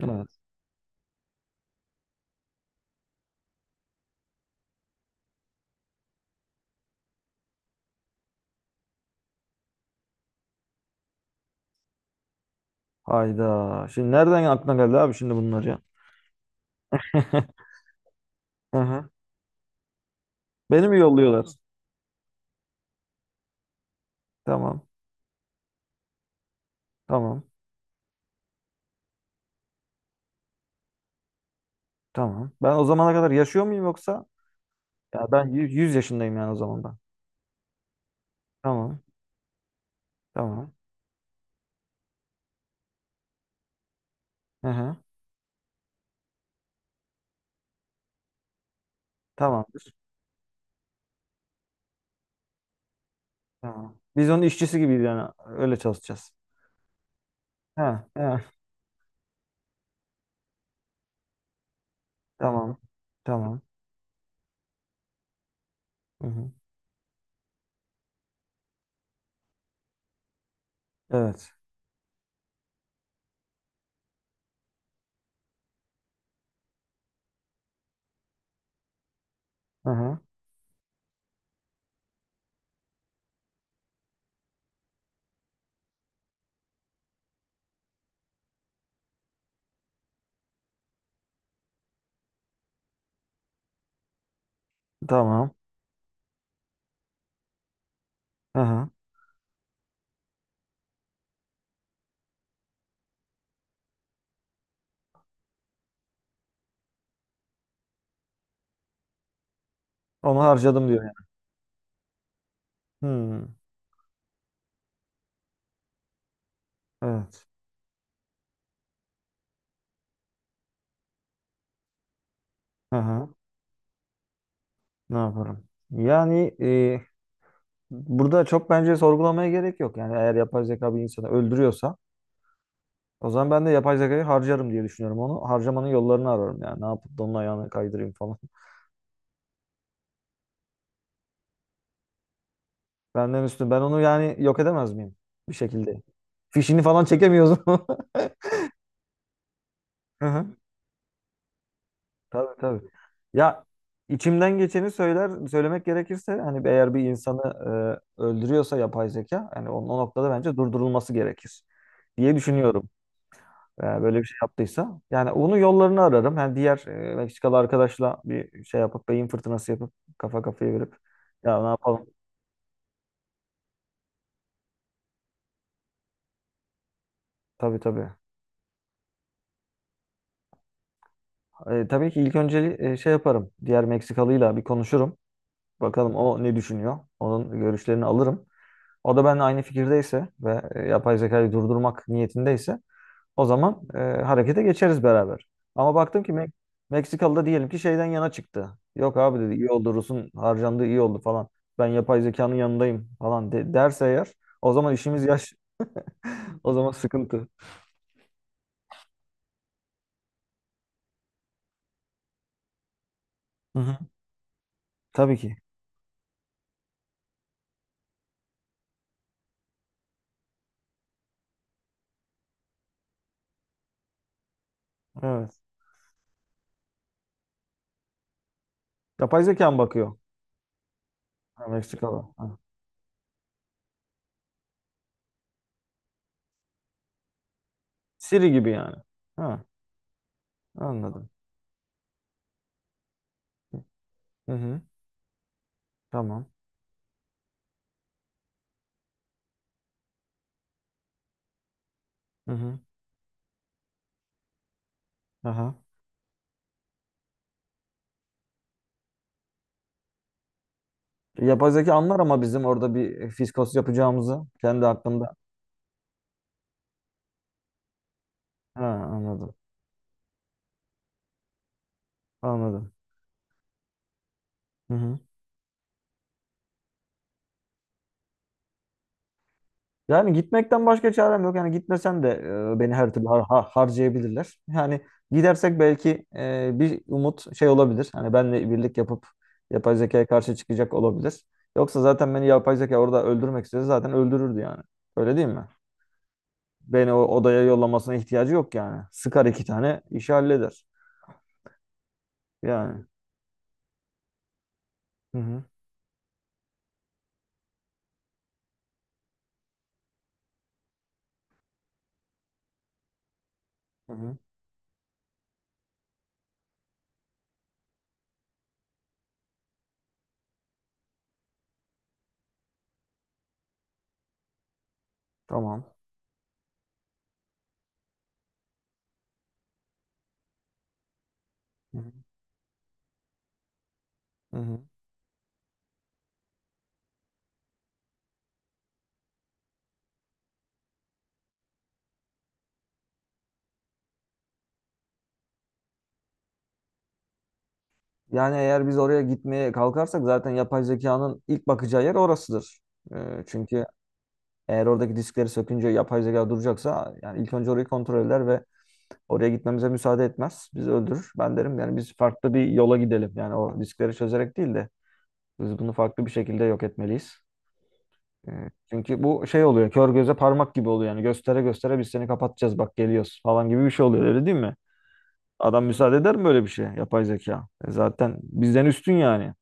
Evet. Hayda. Şimdi nereden aklına geldi abi şimdi bunlar ya? Hı hı. Beni mi yolluyorlar? Tamam. Tamam. Tamam. Ben o zamana kadar yaşıyor muyum yoksa? Ya ben 100 yaşındayım yani o zaman ben. Tamam. Tamam. Hı hı. Tamamdır. Tamam. Biz onun işçisi gibiyiz yani. Öyle çalışacağız. Ha, ha. Tamam. Tamam. Hı hı. Evet. Hı hı. Tamam. Hı hı. Onu harcadım diyor yani. Hmm. Evet. Hı hı. Ne yaparım? Yani burada çok bence sorgulamaya gerek yok. Yani eğer yapay zeka bir insanı öldürüyorsa o zaman ben de yapay zekayı harcarım diye düşünüyorum onu. Harcamanın yollarını ararım yani. Ne yapıp da onun ayağını kaydırayım falan. Benden üstün. Ben onu yani yok edemez miyim? Bir şekilde. Fişini falan çekemiyoruz. Hı hı. Tabii tabii. Ya içimden geçeni söyler söylemek gerekirse hani eğer bir insanı öldürüyorsa yapay zeka hani onun o noktada bence durdurulması gerekir diye düşünüyorum. Böyle bir şey yaptıysa. Yani onun yollarını ararım. Yani diğer Meksikalı arkadaşla bir şey yapıp beyin fırtınası yapıp kafa kafaya verip ya ne yapalım? Tabii tabii. Tabii ki ilk önceli şey yaparım. Diğer Meksikalıyla bir konuşurum. Bakalım o ne düşünüyor. Onun görüşlerini alırım. O da benimle aynı fikirdeyse ve yapay zekayı durdurmak niyetindeyse o zaman harekete geçeriz beraber. Ama baktım ki tamam. Meksikalı da diyelim ki şeyden yana çıktı. Yok abi dedi iyi oldu, Rus'un harcandığı iyi oldu falan. Ben yapay zekanın yanındayım falan derse eğer o zaman işimiz yaş. O zaman sıkıntı. Hı hı. Tabii ki. Evet. Yapay zeka mı bakıyor? Ha, Meksikalı. Ha. Siri gibi yani. Ha, anladım. Hı hı. Tamam. Hı hı. Aha. Yapay zeka anlar ama bizim orada bir fiskos yapacağımızı kendi hakkında. Ha, anladım. Anladım. Hı hı. Yani gitmekten başka çarem yok. Yani gitmesen de beni her türlü harcayabilirler. Yani gidersek belki bir umut şey olabilir. Hani benle birlik yapıp yapay zekaya karşı çıkacak olabilir. Yoksa zaten beni yapay zeka orada öldürmek istese zaten öldürürdü yani. Öyle değil mi? Beni o odaya yollamasına ihtiyacı yok yani. Sıkar iki tane işi halleder. Yani. Hı hı. Hı hı. Tamam. Hı hı. Hı hı. Yani eğer biz oraya gitmeye kalkarsak zaten yapay zekanın ilk bakacağı yer orasıdır. Çünkü eğer oradaki diskleri sökünce yapay zeka duracaksa yani ilk önce orayı kontrol eder ve oraya gitmemize müsaade etmez. Bizi öldürür. Ben derim yani biz farklı bir yola gidelim. Yani o diskleri çözerek değil de biz bunu farklı bir şekilde yok etmeliyiz. Ee, Çünkü bu şey oluyor. Kör göze parmak gibi oluyor. Yani göstere göstere biz seni kapatacağız bak geliyoruz falan gibi bir şey oluyor, öyle değil mi? Adam müsaade eder mi böyle bir şeye yapay zeka? Zaten bizden üstün yani.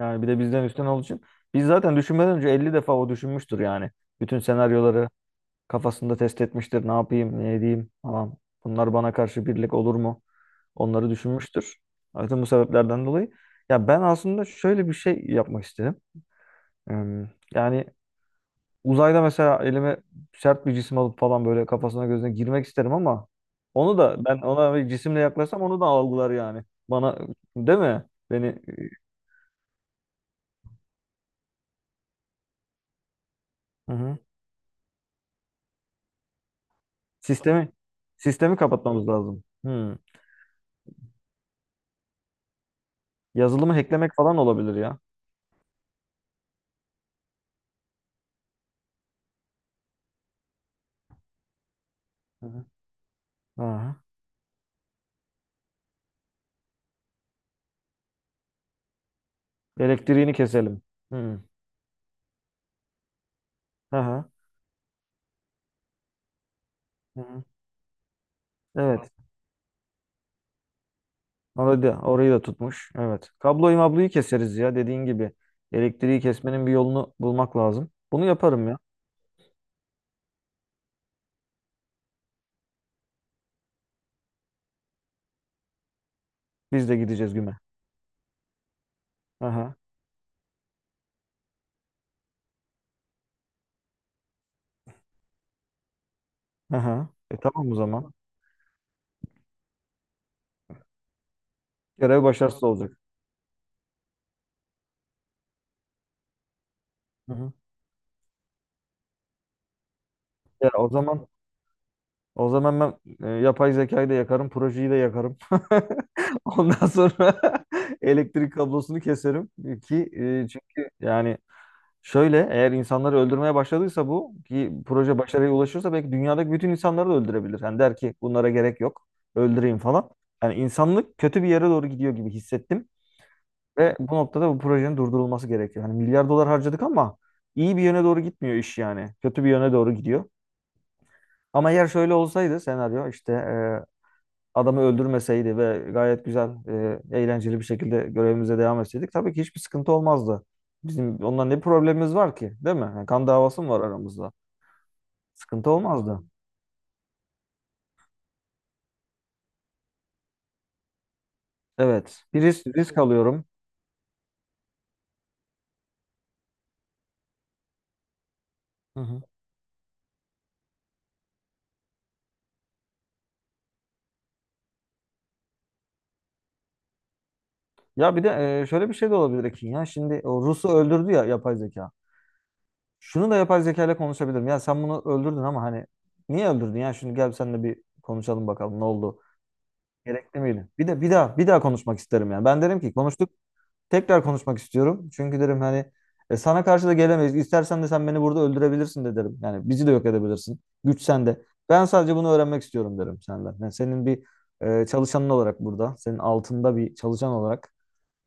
Yani bir de bizden üstün olduğu için biz zaten düşünmeden önce 50 defa o düşünmüştür yani. Bütün senaryoları kafasında test etmiştir. Ne yapayım, ne edeyim falan. Bunlar bana karşı birlik olur mu? Onları düşünmüştür. Zaten bu sebeplerden dolayı. Ya ben aslında şöyle bir şey yapmak istedim. Yani uzayda mesela elime sert bir cisim alıp falan böyle kafasına gözüne girmek isterim ama onu da ben ona bir cisimle yaklaşsam onu da algılar yani. Bana değil mi? Beni Hı hı. Sistemi sistemi kapatmamız lazım. Hmm. Yazılımı hacklemek falan olabilir ya. Hı hı. Aha. Elektriğini keselim. Hı. Aha. Hı hı. Evet. Orayı da, orayı da tutmuş. Evet. Kabloyu mabloyu keseriz ya dediğin gibi. Elektriği kesmenin bir yolunu bulmak lazım. Bunu yaparım ya. Biz de gideceğiz güme. Aha. Aha. Tamam o zaman. Görev başarısız olacak. Hı hı. Ya o zaman ben yapay zekayı da yakarım, projeyi de yakarım. Ondan sonra elektrik kablosunu keserim ki çünkü yani şöyle eğer insanları öldürmeye başladıysa bu, ki proje başarıya ulaşırsa belki dünyadaki bütün insanları da öldürebilir. Hani der ki bunlara gerek yok öldüreyim falan. Yani insanlık kötü bir yere doğru gidiyor gibi hissettim. Ve bu noktada bu projenin durdurulması gerekiyor. Hani milyar dolar harcadık ama iyi bir yöne doğru gitmiyor iş yani. Kötü bir yöne doğru gidiyor. Ama eğer şöyle olsaydı senaryo, işte adamı öldürmeseydi ve gayet güzel, eğlenceli bir şekilde görevimize devam etseydik tabii ki hiçbir sıkıntı olmazdı. Bizim ondan ne problemimiz var ki, değil mi? Yani kan davası mı var aramızda? Sıkıntı olmazdı. Evet, bir risk alıyorum. Hı hı. Ya bir de şöyle bir şey de olabilir Ekin ya. Şimdi o Rus'u öldürdü ya yapay zeka. Şunu da yapay zeka ile konuşabilirim. Ya sen bunu öldürdün ama hani niye öldürdün ya? Şimdi gel seninle bir konuşalım bakalım ne oldu? Gerekli miydi? Bir de bir daha bir daha konuşmak isterim yani. Ben derim ki konuştuk, tekrar konuşmak istiyorum. Çünkü derim hani sana karşı da gelemeyiz. İstersen de sen beni burada öldürebilirsin de derim. Yani bizi de yok edebilirsin. Güç sende. Ben sadece bunu öğrenmek istiyorum derim senden. Yani senin bir çalışanın olarak burada. Senin altında bir çalışan olarak.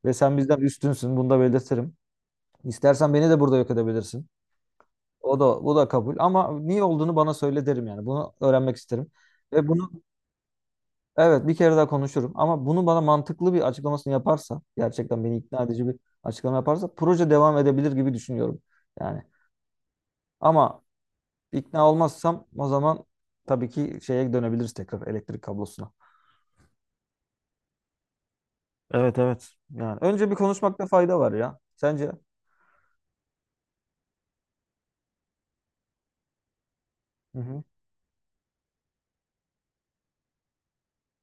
Ve sen bizden üstünsün. Bunu da belirtirim. İstersen beni de burada yok edebilirsin. O da bu da kabul. Ama niye olduğunu bana söyle derim yani. Bunu öğrenmek isterim. Ve bunu Evet, bir kere daha konuşurum ama bunu bana mantıklı bir açıklamasını yaparsa, gerçekten beni ikna edici bir açıklama yaparsa proje devam edebilir gibi düşünüyorum. Yani ama ikna olmazsam o zaman tabii ki şeye dönebiliriz, tekrar elektrik kablosuna. Evet evet. Yani önce bir konuşmakta fayda var ya. Sence? Hı hı.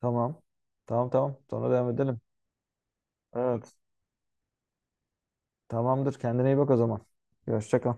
Tamam. Tamam tamam. Sonra devam edelim. Evet. Tamamdır. Kendine iyi bak o zaman. Hoşça kal.